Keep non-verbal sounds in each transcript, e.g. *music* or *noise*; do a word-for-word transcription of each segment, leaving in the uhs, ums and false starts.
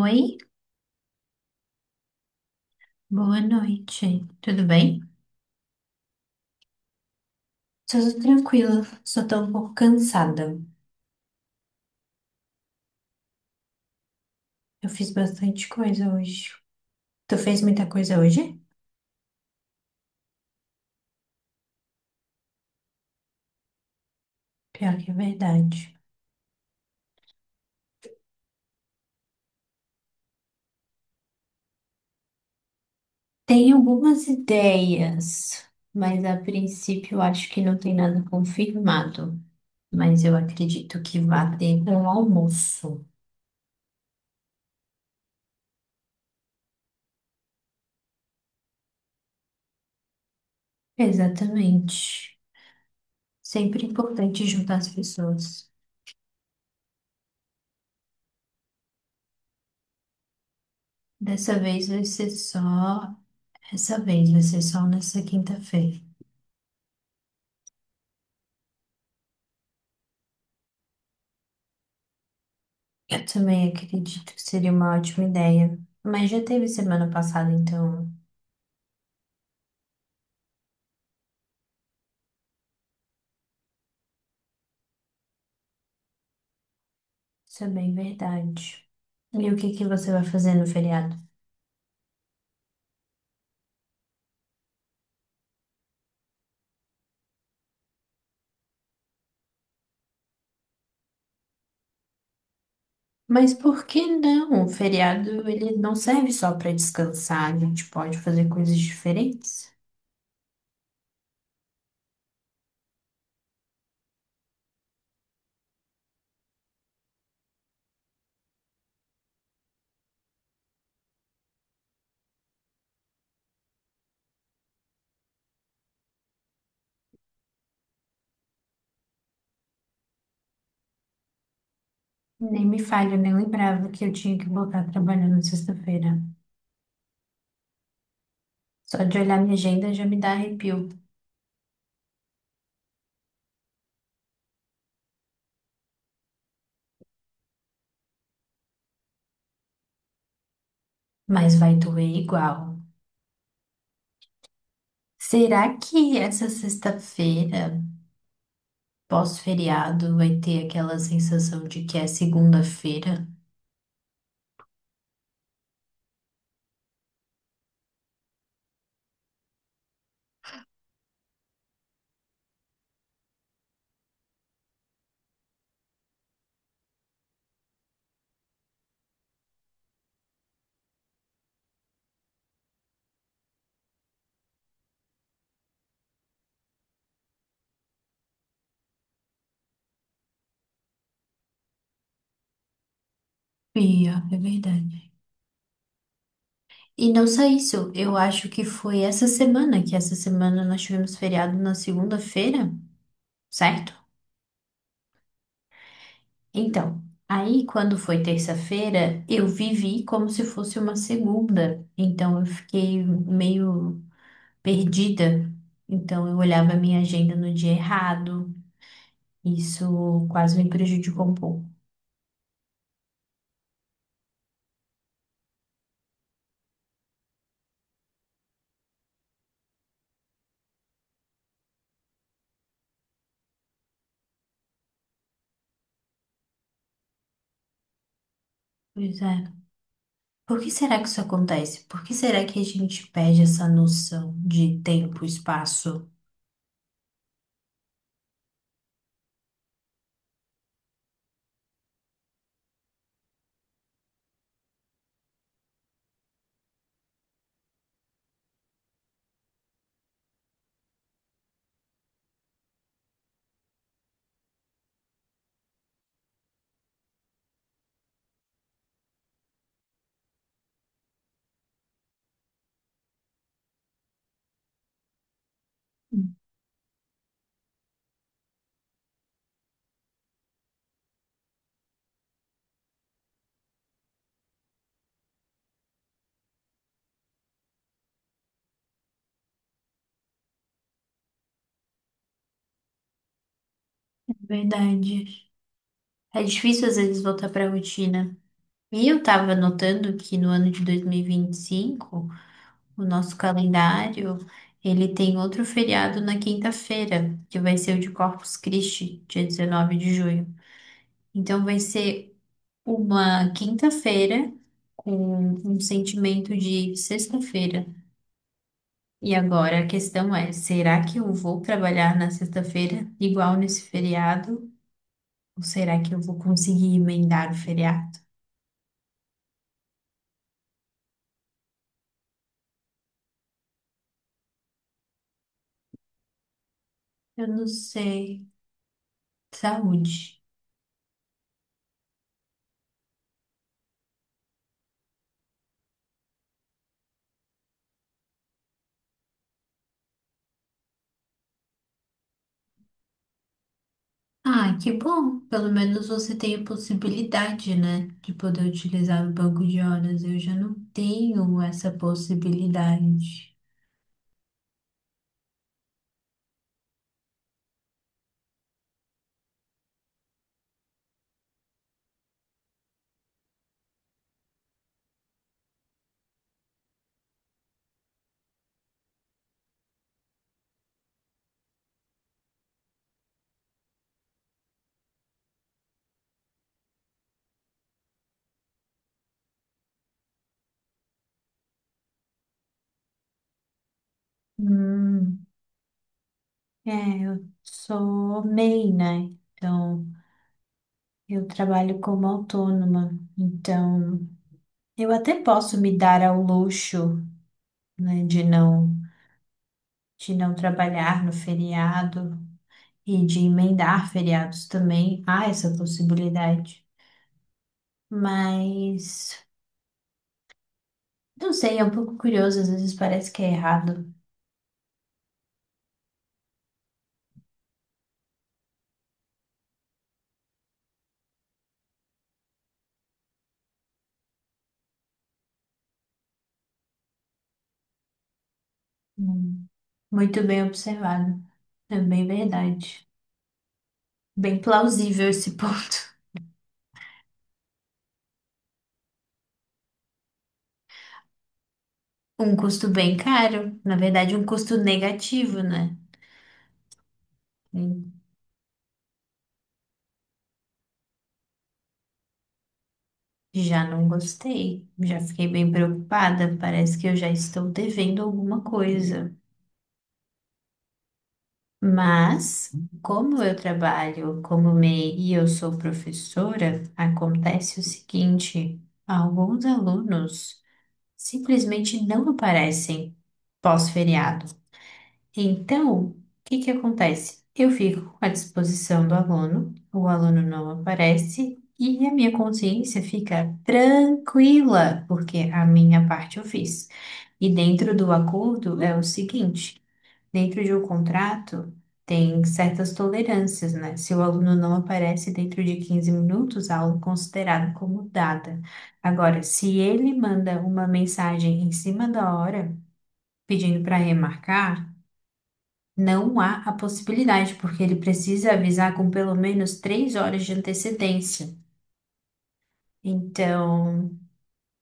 Oi, boa noite. Tudo bem? Tudo tranquilo, só tô um pouco cansada. Eu fiz bastante coisa hoje. Tu fez muita coisa hoje? Pior que é verdade. Tenho algumas ideias, mas a princípio eu acho que não tem nada confirmado. Mas eu acredito que vá ter um almoço. Exatamente. Sempre importante juntar as pessoas. Dessa vez vai ser só. Essa vez vai ser só nessa quinta-feira. Eu também acredito que seria uma ótima ideia. Mas já teve semana passada, então isso é bem verdade. E o que que você vai fazer no feriado? Mas por que não? O feriado ele não serve só para descansar, a gente pode fazer coisas diferentes. Nem me falha, eu nem lembrava que eu tinha que voltar trabalhando sexta-feira. Só de olhar minha agenda já me dá arrepio. Mas vai doer igual. Será que essa sexta-feira, pós-feriado, vai ter aquela sensação de que é segunda-feira? Pia, é verdade. E não só isso, eu acho que foi essa semana, que essa semana nós tivemos feriado na segunda-feira, certo? Então, aí quando foi terça-feira, eu vivi como se fosse uma segunda. Então, eu fiquei meio perdida. Então, eu olhava a minha agenda no dia errado. Isso quase me prejudicou um pouco. Pois é. Por que será que isso acontece? Por que será que a gente perde essa noção de tempo, espaço? Verdade. É difícil às vezes voltar para a rotina. E eu estava notando que no ano de dois mil e vinte e cinco, o nosso calendário, ele tem outro feriado na quinta-feira, que vai ser o de Corpus Christi, dia dezenove de junho. Então vai ser uma quinta-feira com um sentimento de sexta-feira. E agora a questão é: será que eu vou trabalhar na sexta-feira, igual nesse feriado? Ou será que eu vou conseguir emendar o feriado? Eu não sei. Saúde. Ah, que bom. Pelo menos você tem a possibilidade, né, de poder utilizar o banco de horas. Eu já não tenho essa possibilidade. Hum, é, eu sou MEI, né? Então. Eu trabalho como autônoma, então eu até posso me dar ao luxo, né, de não de não trabalhar no feriado e de emendar feriados também. Há essa possibilidade. Mas não sei, é um pouco curioso, às vezes parece que é errado. Hum, Muito bem observado. É bem verdade. Bem plausível esse *laughs* ponto. Um custo bem caro, na verdade, um custo negativo, né? Já não gostei, já fiquei bem preocupada. Parece que eu já estou devendo alguma coisa. Mas, como eu trabalho como MEI e I e eu sou professora, acontece o seguinte: alguns alunos simplesmente não aparecem pós-feriado. Então, o que que acontece? Eu fico à disposição do aluno, o aluno não aparece e a minha consciência fica tranquila, porque a minha parte eu fiz. E dentro do acordo é o seguinte: dentro de um contrato tem certas tolerâncias, né? Se o aluno não aparece dentro de quinze minutos, a aula é considerada como dada. Agora, se ele manda uma mensagem em cima da hora, pedindo para remarcar, não há a possibilidade, porque ele precisa avisar com pelo menos três horas de antecedência. Então,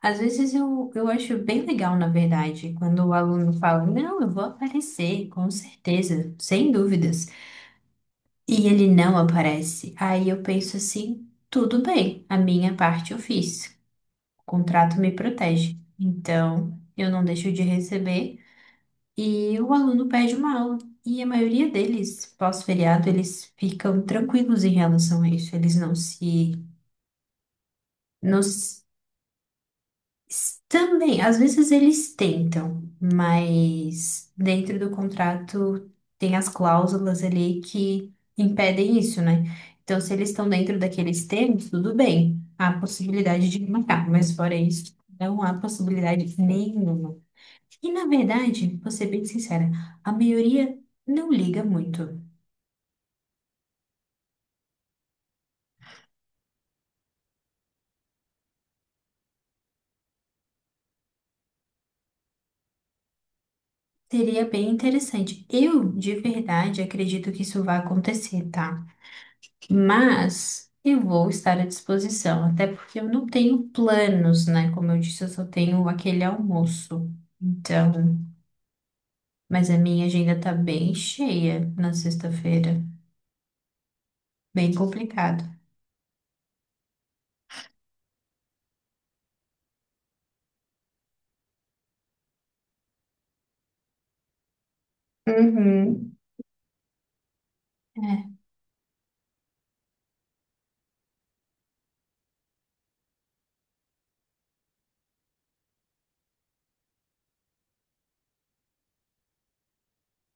às vezes eu, eu acho bem legal, na verdade, quando o aluno fala, não, eu vou aparecer, com certeza, sem dúvidas, e ele não aparece. Aí eu penso assim, tudo bem, a minha parte eu fiz, o contrato me protege. Então, eu não deixo de receber. E o aluno pede uma aula. E a maioria deles, pós-feriado, eles ficam tranquilos em relação a isso. Eles não se, não se- Também, às vezes eles tentam, mas dentro do contrato tem as cláusulas ali que impedem isso, né? Então, se eles estão dentro daqueles termos, tudo bem. Há possibilidade de marcar, mas fora isso, não há possibilidade nenhuma. E na verdade, vou ser bem sincera, a maioria não liga muito. Seria bem interessante. Eu, de verdade, acredito que isso vai acontecer, tá? Mas eu vou estar à disposição, até porque eu não tenho planos, né? Como eu disse, eu só tenho aquele almoço. Então, mas a minha agenda tá bem cheia na sexta-feira. Bem complicado. Uhum. É,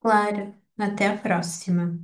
claro. Até a próxima.